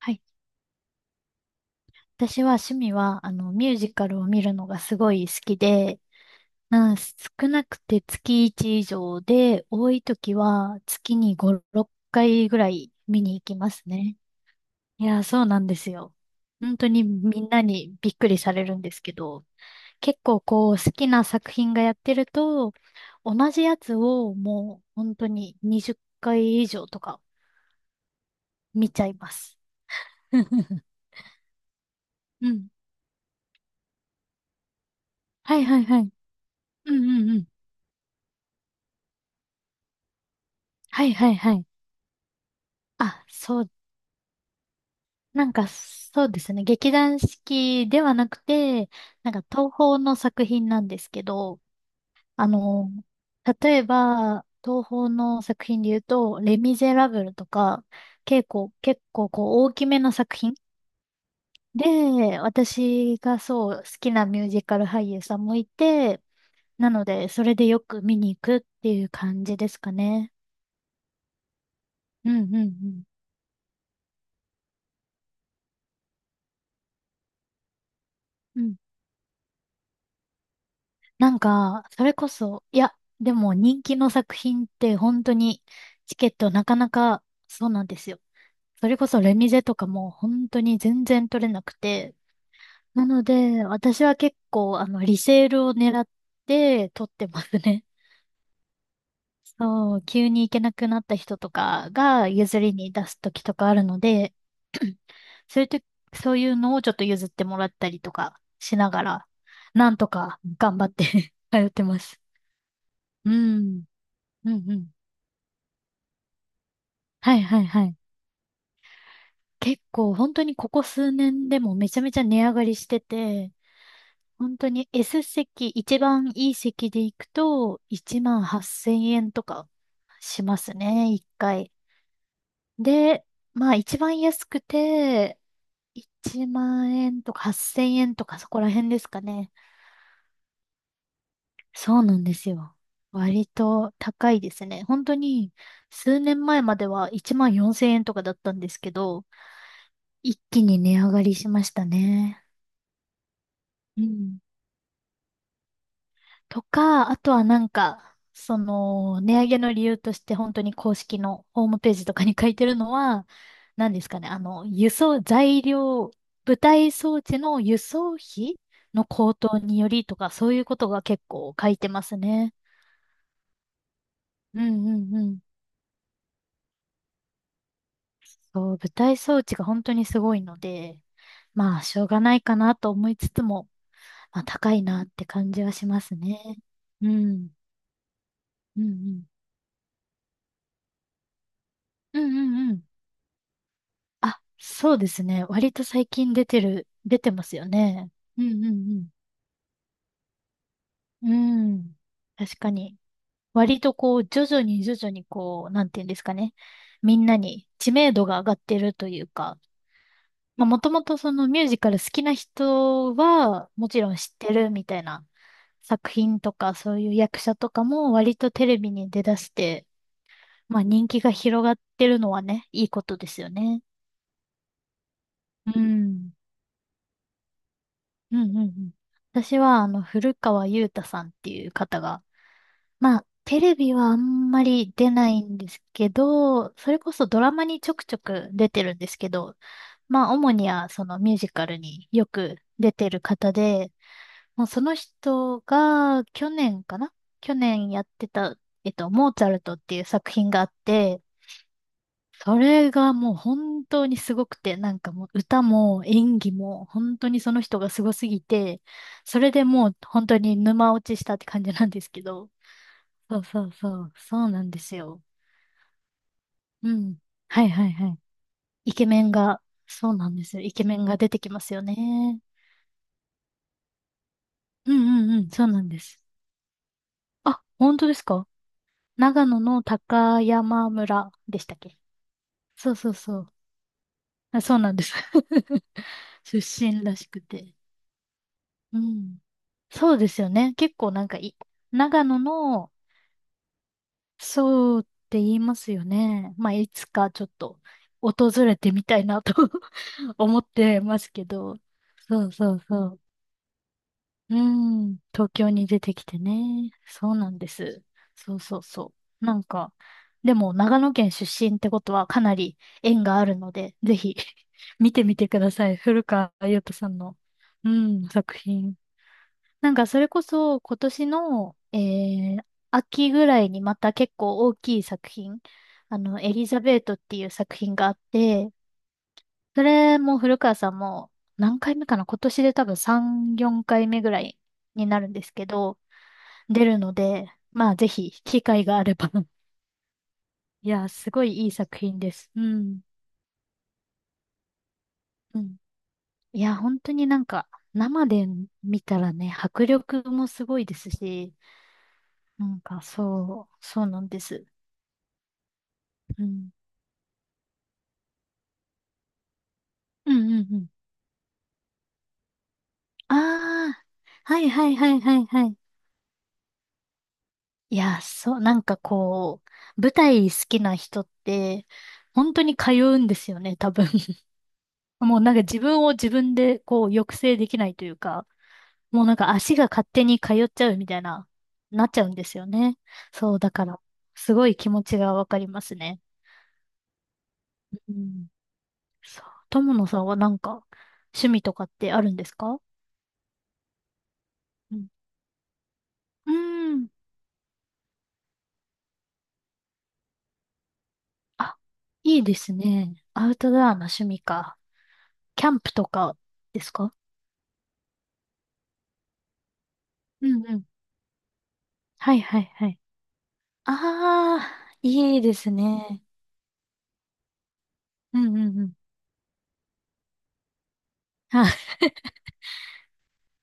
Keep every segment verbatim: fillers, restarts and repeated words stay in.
はい。私は趣味は、あの、ミュージカルを見るのがすごい好きで、なん少なくて月いち以上で、多い時は月にご、ろっかいぐらい見に行きますね。いや、そうなんですよ。本当にみんなにびっくりされるんですけど、結構こう好きな作品がやってると、同じやつをもう本当ににじゅっかい以上とか見ちゃいます。うん。はいはいはい。うんうんうん。はいはいはい。あ、そう、なんかそうですね。劇団四季ではなくて、なんか東宝の作品なんですけど、あの、例えば、東宝の作品で言うと、レ・ミゼラブルとか、結構、結構こう大きめの作品で、私がそう好きなミュージカル俳優さんもいて、なので、それでよく見に行くっていう感じですかね。うんうんうん。うん、なんか、それこそ、いや、でも人気の作品って本当にチケットなかなか、そうなんですよ。それこそレミゼとかも本当に全然取れなくて。なので、私は結構、あの、リセールを狙って取ってますね。そう、急に行けなくなった人とかが譲りに出す時とかあるので、そういうと、そういうのをちょっと譲ってもらったりとかしながら、なんとか頑張って 通ってます。うん。うんうん。はいはいはい。結構本当にここ数年でもめちゃめちゃ値上がりしてて、本当に S 席、一番いい席で行くといちまんはっせんえんとかしますね、一回。で、まあ一番安くていちまん円とかはっせんえんとかそこら辺ですかね。そうなんですよ。割と高いですね。本当に数年前まではいちまんよんせんえんとかだったんですけど、一気に値上がりしましたね。うん。とか、あとはなんか、その、値上げの理由として本当に公式のホームページとかに書いてるのは、何ですかね、あの、輸送、材料、舞台装置の輸送費の高騰によりとか、そういうことが結構書いてますね。うんうんうん。そう、舞台装置が本当にすごいので、まあ、しょうがないかなと思いつつも、まあ、高いなって感じはしますね。うん。うんうん。うんうんうん。あ、そうですね。割と最近出てる、出てますよね。うんうんうん。うん。確かに。割とこう、徐々に徐々にこう、なんていうんですかね。みんなに知名度が上がってるというか、まあもともとそのミュージカル好きな人は、もちろん知ってるみたいな作品とか、そういう役者とかも割とテレビに出だして、まあ人気が広がってるのはね、いいことですよね。うん。うんうんうん。私は、あの、古川雄太さんっていう方が、まあ、テレビはあんまり出ないんですけど、それこそドラマにちょくちょく出てるんですけど、まあ、主にはそのミュージカルによく出てる方で、もうその人が去年かな、去年やってた、えっと、モーツァルトっていう作品があって、それがもう本当にすごくて、なんかもう歌も演技も本当にその人がすごすぎて、それでもう本当に沼落ちしたって感じなんですけど。そうそうそう、そうなんですよ。うん。はいはいはい。イケメンが、そうなんですよ。イケメンが出てきますよね。うんうんうん、そうなんです。あ、本当ですか？長野の高山村でしたっけ？そうそうそう。あ、そうなんです。出身らしくて。うん。そうですよね。結構なんかい、長野の、そうって言いますよね。まあ、いつかちょっと訪れてみたいなと 思ってますけど。そうそうそう。うん。東京に出てきてね。そうなんです。そうそうそう。なんか、でも長野県出身ってことはかなり縁があるので、ぜひ 見てみてください。古川雄斗さんの、うん、作品。なんかそれこそ今年の、えー秋ぐらいにまた結構大きい作品、あの、エリザベートっていう作品があって、それも古川さんも何回目かな、今年で多分さん、よんかいめぐらいになるんですけど、出るので、まあぜひ機会があれば。 いや、すごいいい作品です。うん。うん。いや、本当になんか生で見たらね、迫力もすごいですし、なんかそう、そうなんです。うんうんうんうん。ああ、はいはいはいはいはい。いや、そう、なんかこう、舞台好きな人って、本当に通うんですよね、多分。もうなんか自分を自分でこう抑制できないというか、もうなんか足が勝手に通っちゃうみたいな、なっちゃうんですよね。そう、だから、すごい気持ちがわかりますね。うん。そう。友野さんはなんか、趣味とかってあるんですか？うん。うん。あ、いいですね。アウトドアの趣味か。キャンプとかですか？うんうん。はいはいはい。ああ、いいですね。うんうんうん。あ、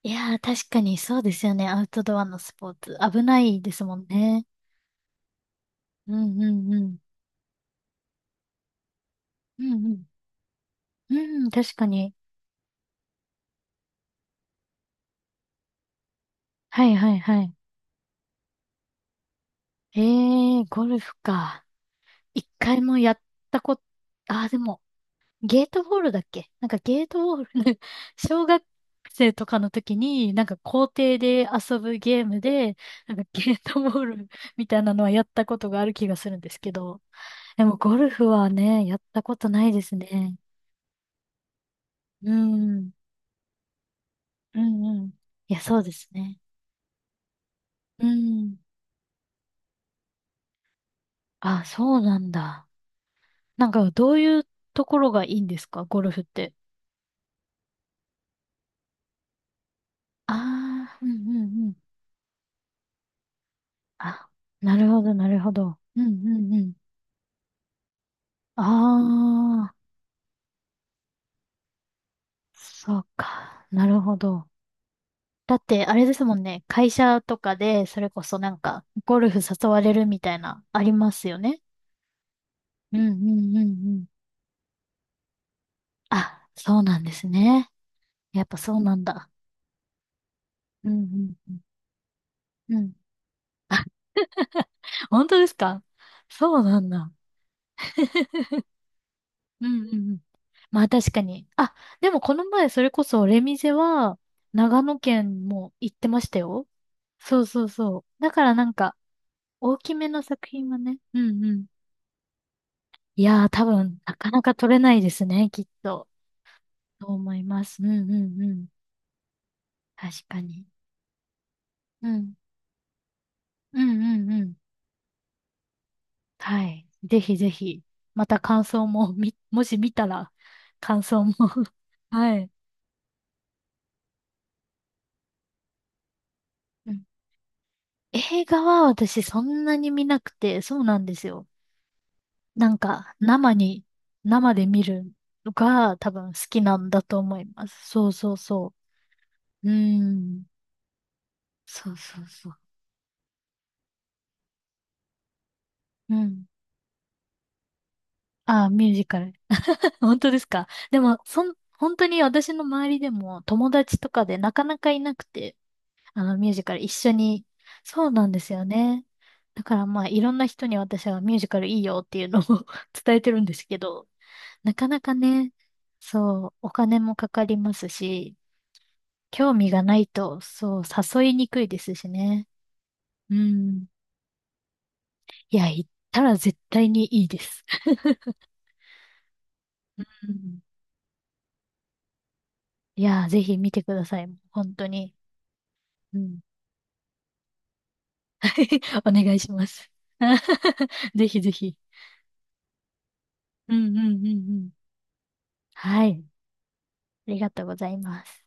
いやー、確かにそうですよね。アウトドアのスポーツ。危ないですもんね。うんうんうん。うんうん。うん、確かに。はいはいはい。えー、ゴルフか。いっかいもやったこと、ああ、でも、ゲートボールだっけ、なんかゲートボール 小学生とかの時に、なんか校庭で遊ぶゲームで、なんかゲートボール みたいなのはやったことがある気がするんですけど、でもゴルフはね、やったことないですね。うん。うんうん。いや、そうですね。うん。あ、そうなんだ。なんかどういうところがいいんですか、ゴルフって。ああ、うんうんうん。あ、なるほど、なるほど。うんうんうん。ああ。そうか。なるほど。だって、あれですもんね。会社とかで、それこそなんか、ゴルフ誘われるみたいな、ありますよね。うんうんうんうん。あ、そうなんですね。やっぱそうなんだ。うんうんうん。うん。本当ですか？そうなんだ。うんうんうん。まあ確かに。あ、でもこの前、それこそ、レミゼは、長野県も行ってましたよ。そうそうそう。だからなんか、大きめの作品はね。うんうん。いやー、多分、なかなか取れないですね、きっと。と思います。うんうんうん。確かに。うん。うんうんうん。はい。ぜひぜひ、また感想も、み、もし見たら、感想も。 はい。うん、映画は私そんなに見なくて、そうなんですよ。なんか、生に、生で見るのが多分好きなんだと思います。そうそうそう。うん。そうそうそう。うん。あー、ミュージカル。本当ですか？でも、そん、本当に私の周りでも友達とかでなかなかいなくて、あのミュージカル一緒に。そうなんですよね。だからまあいろんな人に私はミュージカルいいよっていうのを 伝えてるんですけど、なかなかね、そう、お金もかかりますし、興味がないと、そう、誘いにくいですしね。うん。いや、行ったら絶対にいいです。うん、いや、ぜひ見てください。本当に。うん。お願いします。ぜひぜひ。うんうんうんうん。はい。ありがとうございます。